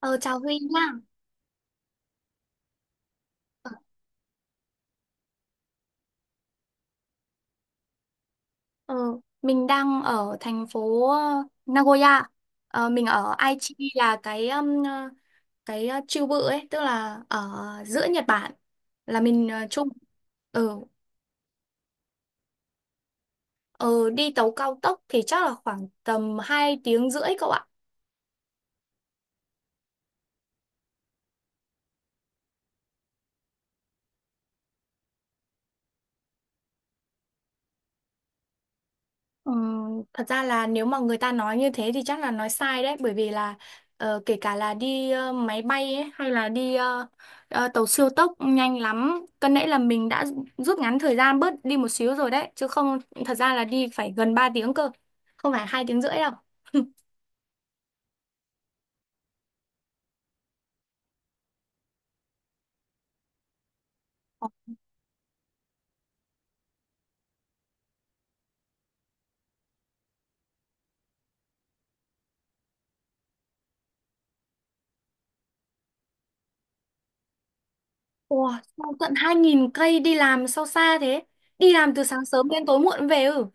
Ờ, Chào Huy nhá. Ờ, ờ, mình đang ở thành phố Nagoya. Ờ, mình ở Aichi là cái cái chiêu bự ấy, tức là ở giữa Nhật Bản. Là mình chung. Ờ, ờ, Đi tàu cao tốc thì chắc là khoảng tầm 2 tiếng rưỡi cậu ạ. Ừ, thật ra là nếu mà người ta nói như thế thì chắc là nói sai đấy, bởi vì là kể cả là đi máy bay ấy, hay là đi tàu siêu tốc nhanh lắm, cân nãy là mình đã rút ngắn thời gian bớt đi một xíu rồi đấy, chứ không thật ra là đi phải gần 3 tiếng cơ, không phải 2 tiếng rưỡi đâu. Ủa, sao tận 2000 cây đi làm, sao xa thế? Đi làm từ sáng sớm đến tối muộn về. Ừ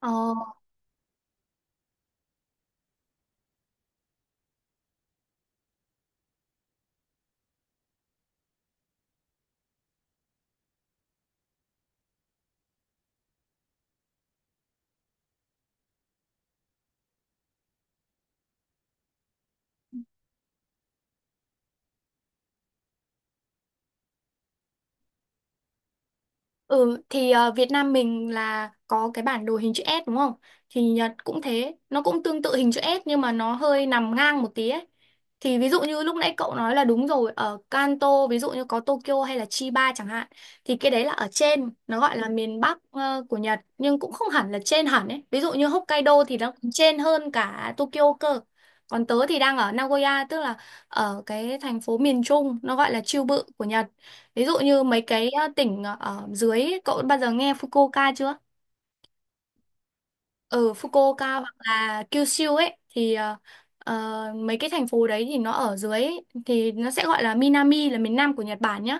ờ Ừ thì Việt Nam mình là có cái bản đồ hình chữ S đúng không? Thì Nhật cũng thế, nó cũng tương tự hình chữ S nhưng mà nó hơi nằm ngang một tí ấy. Thì ví dụ như lúc nãy cậu nói là đúng rồi, ở Kanto ví dụ như có Tokyo hay là Chiba chẳng hạn, thì cái đấy là ở trên, nó gọi là miền Bắc của Nhật, nhưng cũng không hẳn là trên hẳn ấy. Ví dụ như Hokkaido thì nó còn trên hơn cả Tokyo cơ. Còn tớ thì đang ở Nagoya, tức là ở cái thành phố miền Trung, nó gọi là Chiêu Bự của Nhật. Ví dụ như mấy cái tỉnh ở dưới ấy, cậu bao giờ nghe Fukuoka chưa? Ở Fukuoka hoặc là Kyushu ấy thì mấy cái thành phố đấy thì nó ở dưới ấy, thì nó sẽ gọi là Minami, là miền Nam của Nhật Bản nhá.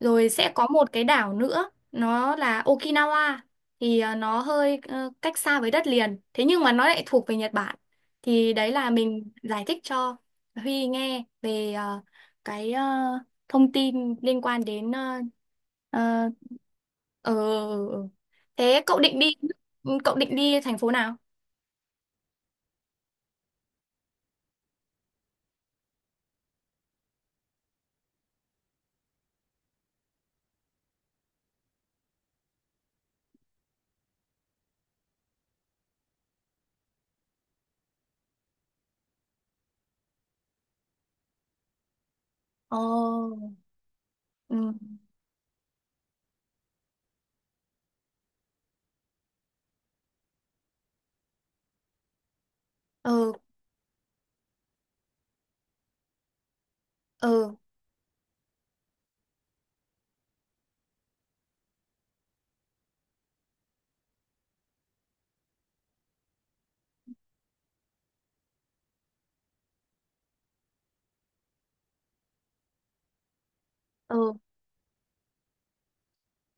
Rồi sẽ có một cái đảo nữa nó là Okinawa, thì nó hơi cách xa với đất liền. Thế nhưng mà nó lại thuộc về Nhật Bản. Thì đấy là mình giải thích cho Huy nghe về cái thông tin liên quan đến ờ, Ờ. Thế cậu định đi, cậu định đi thành phố nào? Ồ. Ừ. Ừ. Ừ. Ừ.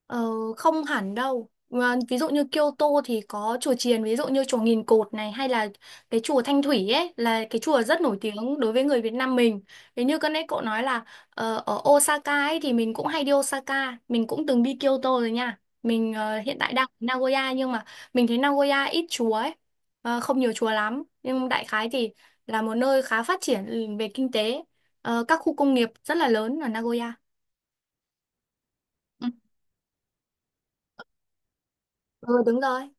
Ờ, không hẳn đâu. Mà ví dụ như Kyoto thì có chùa chiền, ví dụ như chùa Nghìn Cột này hay là cái chùa Thanh Thủy ấy, là cái chùa rất nổi tiếng đối với người Việt Nam mình. Thế như cái nãy cậu nói là ở Osaka ấy thì mình cũng hay đi Osaka, mình cũng từng đi Kyoto rồi nha. Mình hiện tại đang ở Nagoya nhưng mà mình thấy Nagoya ít chùa ấy, không nhiều chùa lắm. Nhưng đại khái thì là một nơi khá phát triển về kinh tế. Ờ, các khu công nghiệp rất là lớn ở Nagoya. Ừ. Ừ đúng rồi.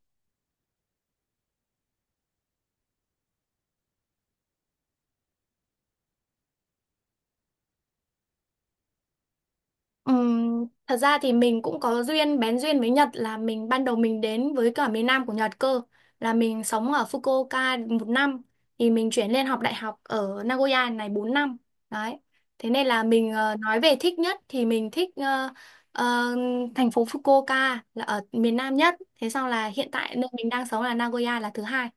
Thật ra thì mình cũng có duyên, bén duyên với Nhật là ban đầu mình đến với cả miền Nam của Nhật cơ, là mình sống ở Fukuoka 1 năm, thì mình chuyển lên học đại học ở Nagoya này 4 năm đấy. Thế nên là mình nói về thích nhất thì mình thích ờ, thành phố Fukuoka là ở miền Nam nhất, thế sau là hiện tại nơi mình đang sống là Nagoya là thứ hai.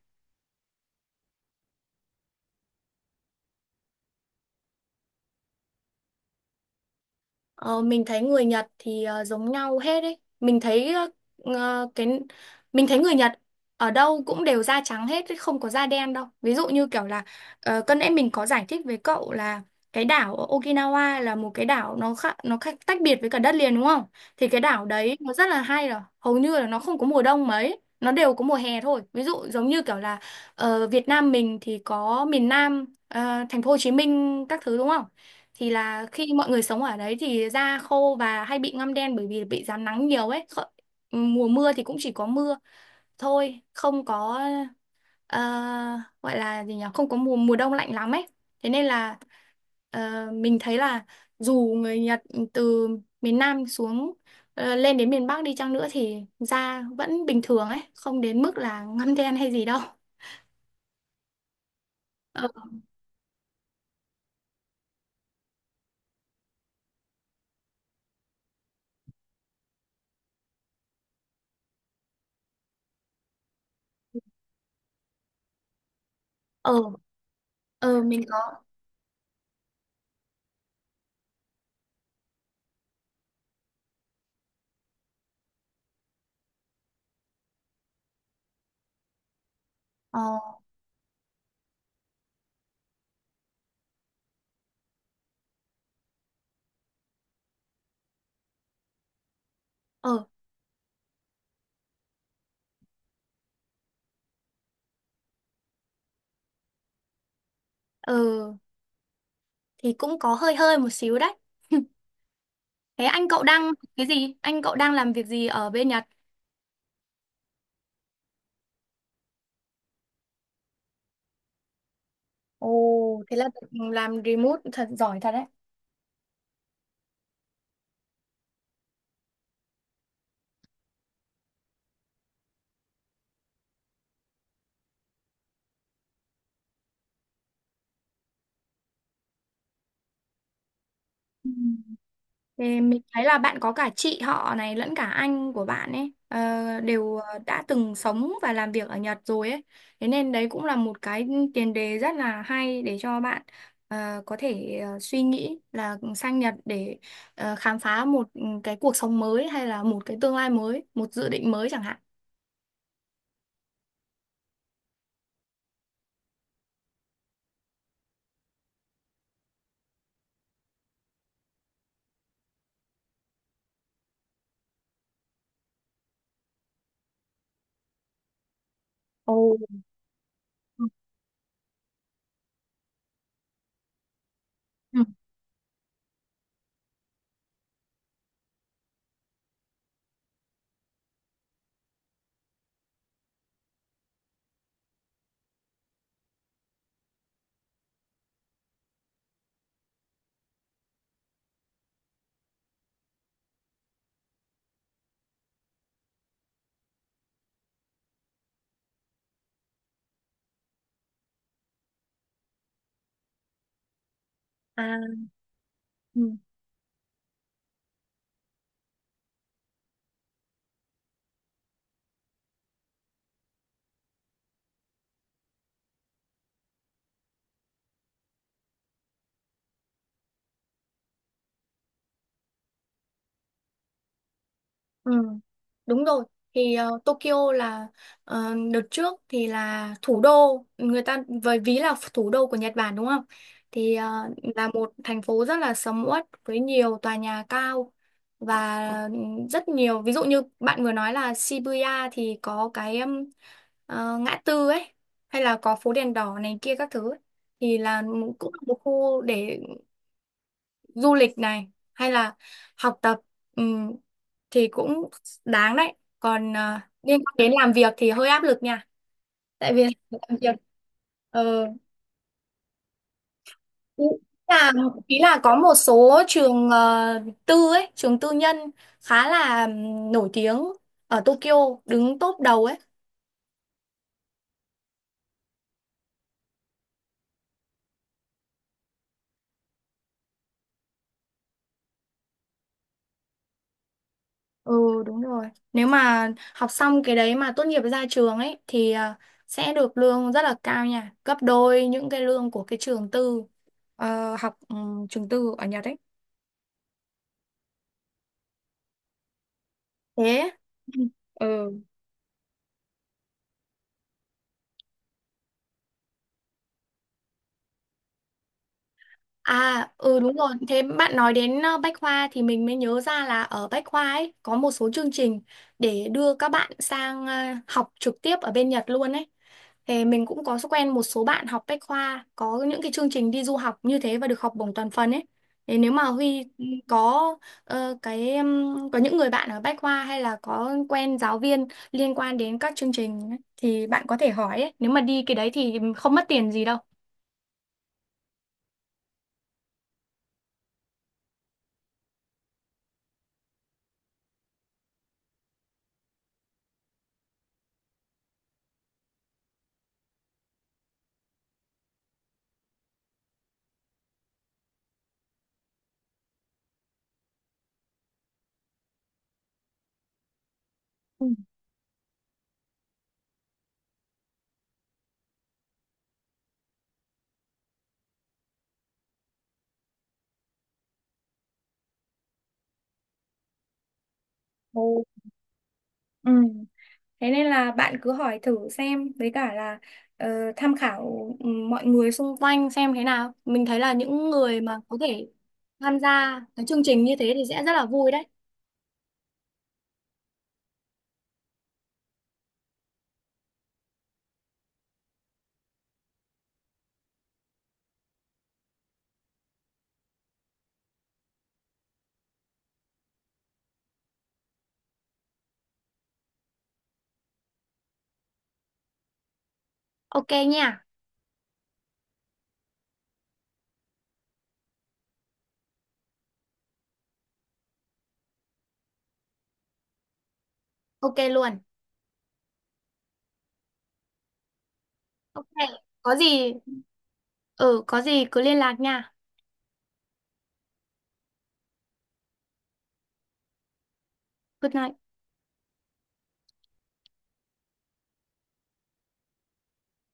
Ờ, mình thấy người Nhật thì giống nhau hết ấy. Mình thấy ờ, ờ, cái mình thấy người Nhật ở đâu cũng đều da trắng hết, chứ không có da đen đâu. Ví dụ như kiểu là cân nãy mình có giải thích với cậu là cái đảo ở Okinawa là một cái đảo, nó khác, tách biệt với cả đất liền đúng không? Thì cái đảo đấy nó rất là hay rồi, hầu như là nó không có mùa đông mấy, nó đều có mùa hè thôi. Ví dụ giống như kiểu là ở Việt Nam mình thì có miền Nam, thành phố Hồ Chí Minh các thứ đúng không? Thì là khi mọi người sống ở đấy thì da khô và hay bị ngăm đen bởi vì bị rám nắng nhiều ấy. Mùa mưa thì cũng chỉ có mưa thôi, không có ờ, gọi là gì nhỉ, không có mùa mùa đông lạnh lắm ấy, thế nên là mình thấy là dù người Nhật từ miền Nam xuống, lên đến miền Bắc đi chăng nữa thì da vẫn bình thường ấy, không đến mức là ngăm đen hay gì đâu. ờ ờ ờ, mình có. ờ ờ ờ thì cũng có hơi hơi một xíu đấy. Thế anh cậu đang cái gì? Anh cậu đang làm việc gì ở bên Nhật? Ồ, thế là được làm remote thật, giỏi thật đấy. Ừ. Thì mình thấy là bạn có cả chị họ này lẫn cả anh của bạn ấy đều đã từng sống và làm việc ở Nhật rồi ấy. Thế nên đấy cũng là một cái tiền đề rất là hay để cho bạn có thể suy nghĩ là sang Nhật để khám phá một cái cuộc sống mới, hay là một cái tương lai mới, một dự định mới chẳng hạn. Ồ. Ừ. À. Ừ. Ừ, đúng rồi. Thì Tokyo là đợt trước thì là thủ đô, người ta với ví là thủ đô của Nhật Bản đúng không? Thì là một thành phố rất là sầm uất với nhiều tòa nhà cao, và rất nhiều ví dụ như bạn vừa nói là Shibuya thì có cái ngã tư ấy, hay là có phố đèn đỏ này kia các thứ ấy. Thì là cũng là một khu để du lịch này, hay là học tập, ừm, thì cũng đáng đấy. Còn liên quan đến làm việc thì hơi áp lực nha. Tại vì làm việc ờ, ý là, ý là có một số trường tư ấy, trường tư nhân khá là nổi tiếng ở Tokyo, đứng top đầu ấy. Ừ đúng rồi. Nếu mà học xong cái đấy mà tốt nghiệp ra trường ấy thì à, sẽ được lương rất là cao nha, gấp đôi những cái lương của cái trường tư, ờ, học ừ, trường tư ở Nhật ấy. Thế. Ừ. À, ừ đúng rồi. Thế bạn nói đến Bách Khoa thì mình mới nhớ ra là ở Bách Khoa ấy có một số chương trình để đưa các bạn sang học trực tiếp ở bên Nhật luôn ấy. Thì mình cũng có quen một số bạn học Bách Khoa có những cái chương trình đi du học như thế và được học bổng toàn phần ấy. Thế nếu mà Huy có ờ, cái có những người bạn ở Bách Khoa, hay là có quen giáo viên liên quan đến các chương trình ấy, thì bạn có thể hỏi ấy. Nếu mà đi cái đấy thì không mất tiền gì đâu. Ừ. Ừ. Ừ. Thế nên là bạn cứ hỏi thử xem, với cả là ờ, tham khảo mọi người xung quanh xem thế nào. Mình thấy là những người mà có thể tham gia cái chương trình như thế thì sẽ rất là vui đấy. Ok nha. Ok luôn. Ok, có gì, ừ có gì cứ liên lạc nha. Good night.